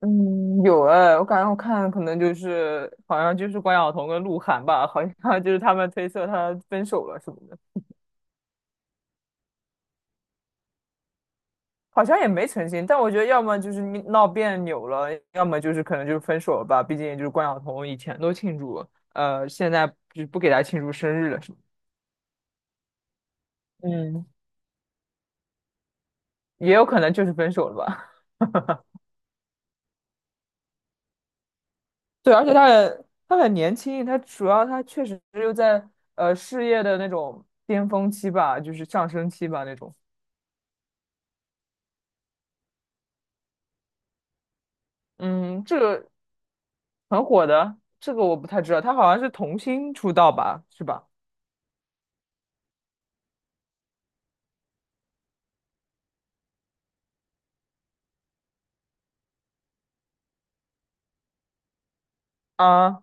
嗯，有哎，我感觉我看可能就是好像就是关晓彤跟鹿晗吧，好像就是他们推测他分手了什么的，好像也没澄清。但我觉得要么就是你闹别扭了，要么就是可能就是分手了吧。毕竟就是关晓彤以前都庆祝，现在就不给他庆祝生日了什么的嗯，也有可能就是分手了吧。对，而且他很年轻，他主要他确实又在事业的那种巅峰期吧，就是上升期吧那种。嗯，这个很火的，这个我不太知道，他好像是童星出道吧，是吧？啊，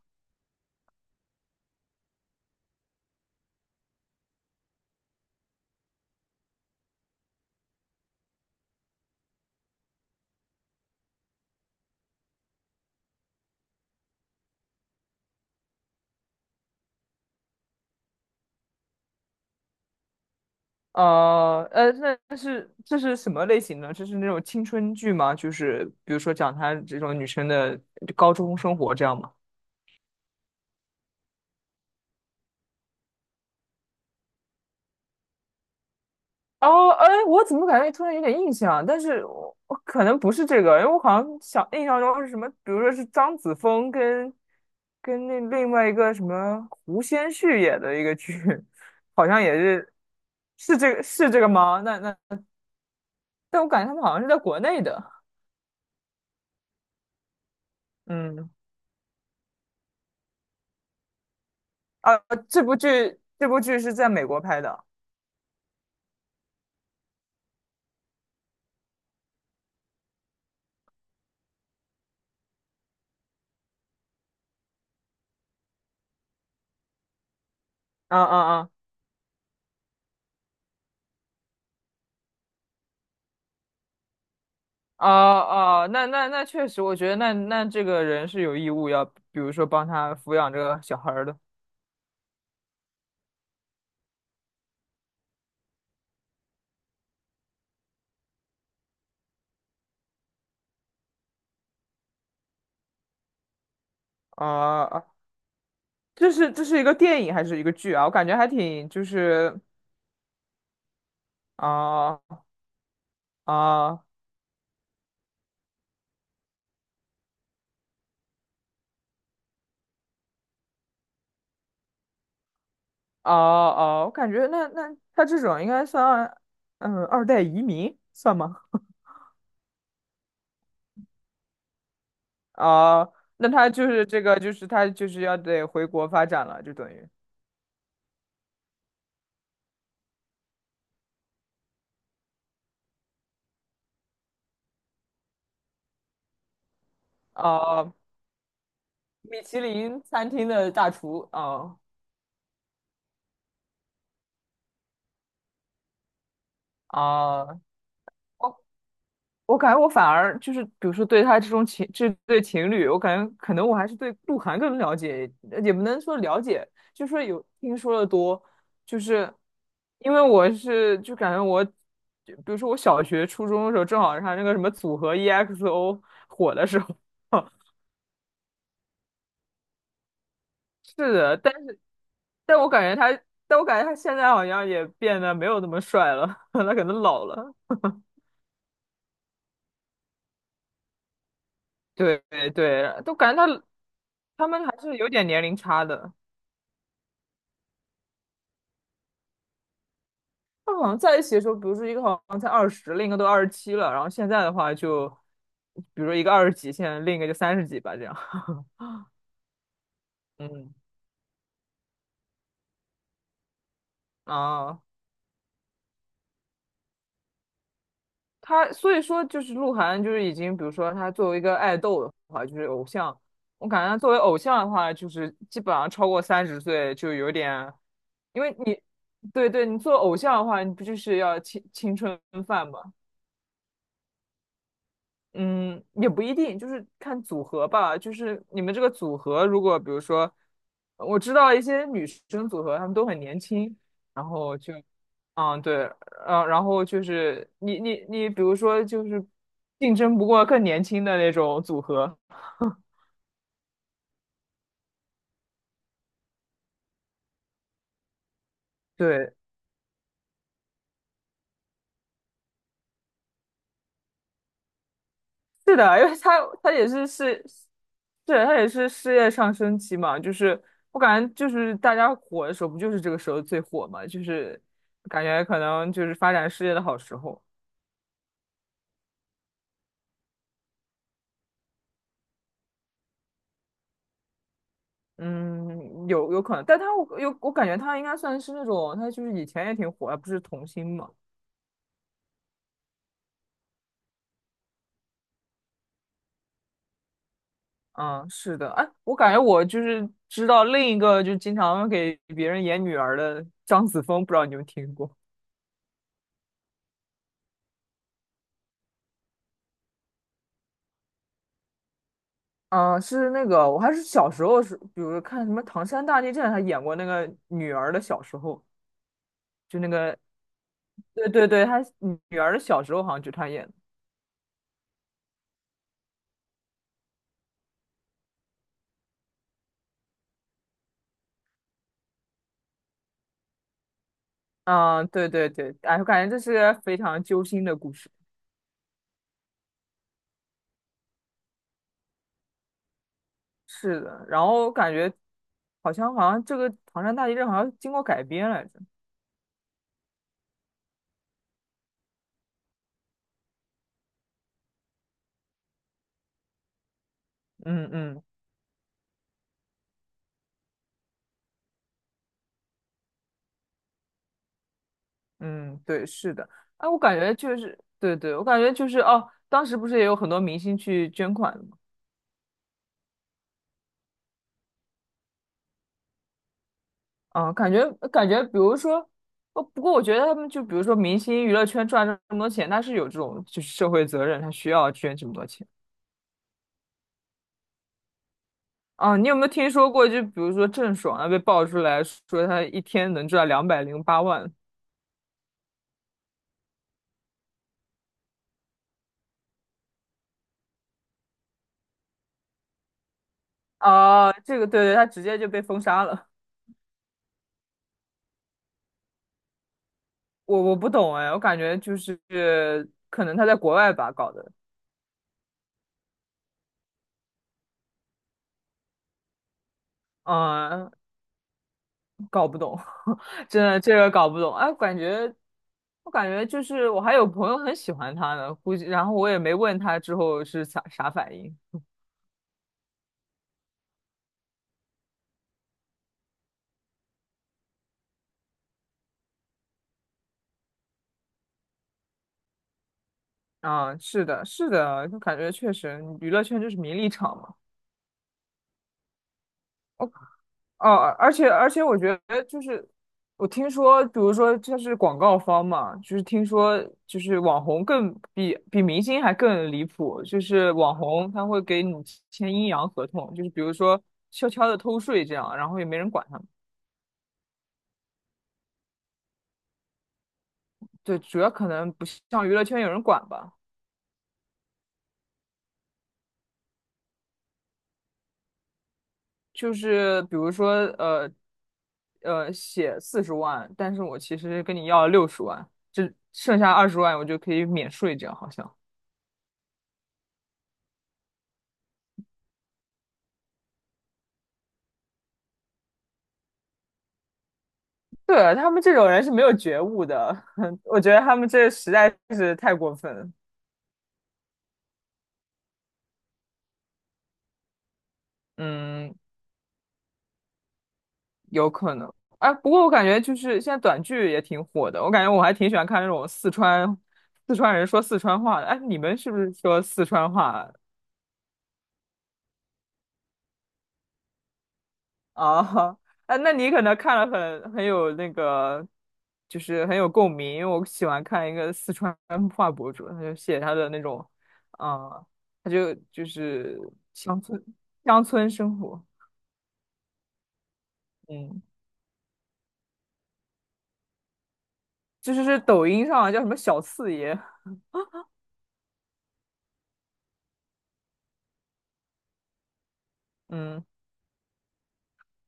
那那是这是什么类型的？这是那种青春剧吗？就是比如说讲她这种女生的高中生活这样吗？哦，哎，我怎么感觉突然有点印象？但是我可能不是这个，因为我好像想印象中是什么，比如说是张子枫跟那另外一个什么胡先煦演的一个剧，好像也是这个吗？那。但我感觉他们好像是在国内的。嗯，啊，这部剧是在美国拍的。啊啊啊！哦哦，那确实，我觉得这个人是有义务要，比如说帮他抚养这个小孩儿的。啊啊，这是一个电影还是一个剧啊？我感觉还挺就是啊啊啊啊！我感觉他这种应该算二代移民算吗？啊，那他就是这个就是他就是要得回国发展了，就等于。呃，米其林餐厅的大厨，啊啊，我我感觉我反而就是，比如说对他这种这对情侣，我感觉可能我还是对鹿晗更了解，也不能说了解，就是说有听说的多，就是因为我是就感觉我，就比如说我小学、初中的时候，正好是他那个什么组合 EXO 火的时候，是的，但是但我感觉他，但我感觉他现在好像也变得没有那么帅了，他可能老了。对对，对，都感觉他们还是有点年龄差的。他好像在一起的时候，比如说一个好像才20，另一个都27了，然后现在的话就，比如说一个二十几，现在另一个就三十几吧，这样。嗯，啊，他所以说就是鹿晗，就是已经，比如说他作为一个爱豆的话，就是偶像，我感觉他作为偶像的话，就是基本上超过30岁就有点，因为你，对对，你做偶像的话，你不就是要青春饭吗？嗯，也不一定，就是看组合吧。就是你们这个组合，如果比如说，我知道一些女生组合，她们都很年轻，然后就，嗯，对，嗯，然后就是你，比如说就是竞争不过更年轻的那种组合，对，是的，因为她也是事，对，她也是事业上升期嘛，就是我感觉就是大家火的时候，不就是这个时候最火嘛，就是感觉可能就是发展事业的好时候。嗯，有可能，但他我感觉他应该算是那种，他就是以前也挺火，不是童星嘛？嗯，是的，哎，我感觉我就是知道另一个，就经常给别人演女儿的张子枫，不知道你有没有听过？嗯，是那个，我还是小时候是，比如看什么《唐山大地震》，他演过那个女儿的小时候，就那个，对对对，他女儿的小时候好像就他演的。嗯，对对对，哎，我感觉这是非常揪心的故事。是的，然后感觉好像这个唐山大地震好像经过改编来着。嗯嗯嗯，对，是的。哎，我感觉就是，对对，我感觉就是哦，当时不是也有很多明星去捐款的吗？嗯，感觉，比如说，哦，不过我觉得他们就比如说明星娱乐圈赚这么多钱，他是有这种就是社会责任，他需要捐这么多钱。啊，你有没有听说过？就比如说郑爽啊，被爆出来说她一天能赚208万啊，这个对对，她直接就被封杀了。我不懂哎，我感觉就是可能他在国外吧搞的，嗯，搞不懂，真的这个搞不懂。哎，我感觉就是我还有朋友很喜欢他呢，估计然后我也没问他之后是啥反应。啊，是的，是的，就感觉确实娱乐圈就是名利场嘛。哦，而且，我觉得就是我听说，比如说这是广告方嘛，就是听说就是网红更比明星还更离谱，就是网红他会给你签阴阳合同，就是比如说悄悄的偷税这样，然后也没人管他们。对，主要可能不像娱乐圈有人管吧，就是比如说写40万，但是我其实跟你要了60万，这剩下20万我就可以免税，这样好像。对，他们这种人是没有觉悟的，我觉得他们这实在是太过分了。嗯，有可能。哎，不过我感觉就是现在短剧也挺火的，我感觉我还挺喜欢看那种四川人说四川话的。哎，你们是不是说四川话啊？哎，那你可能看了很有那个，就是很有共鸣，因为我喜欢看一个四川话博主，他就写他的那种，啊、他就是乡村乡村生活。嗯，就是抖音上叫什么小四爷，嗯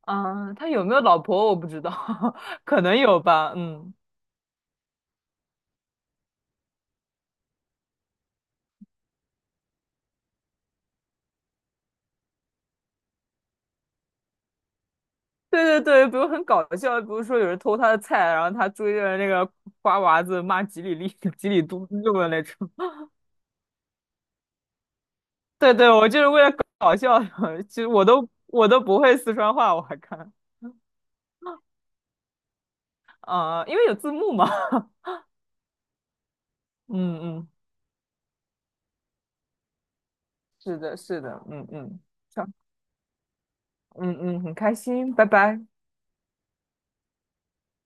啊，他有没有老婆我不知道，可能有吧，嗯，对对对，比如很搞笑，比如说有人偷他的菜，然后他追着那个瓜娃子骂几里力、几里嘟噜的那种，对对，我就是为了搞笑的，其实我都不会四川话，我还看，啊，因为有字幕嘛，嗯嗯，是的，是的，嗯嗯，好嗯嗯，很开心，拜拜。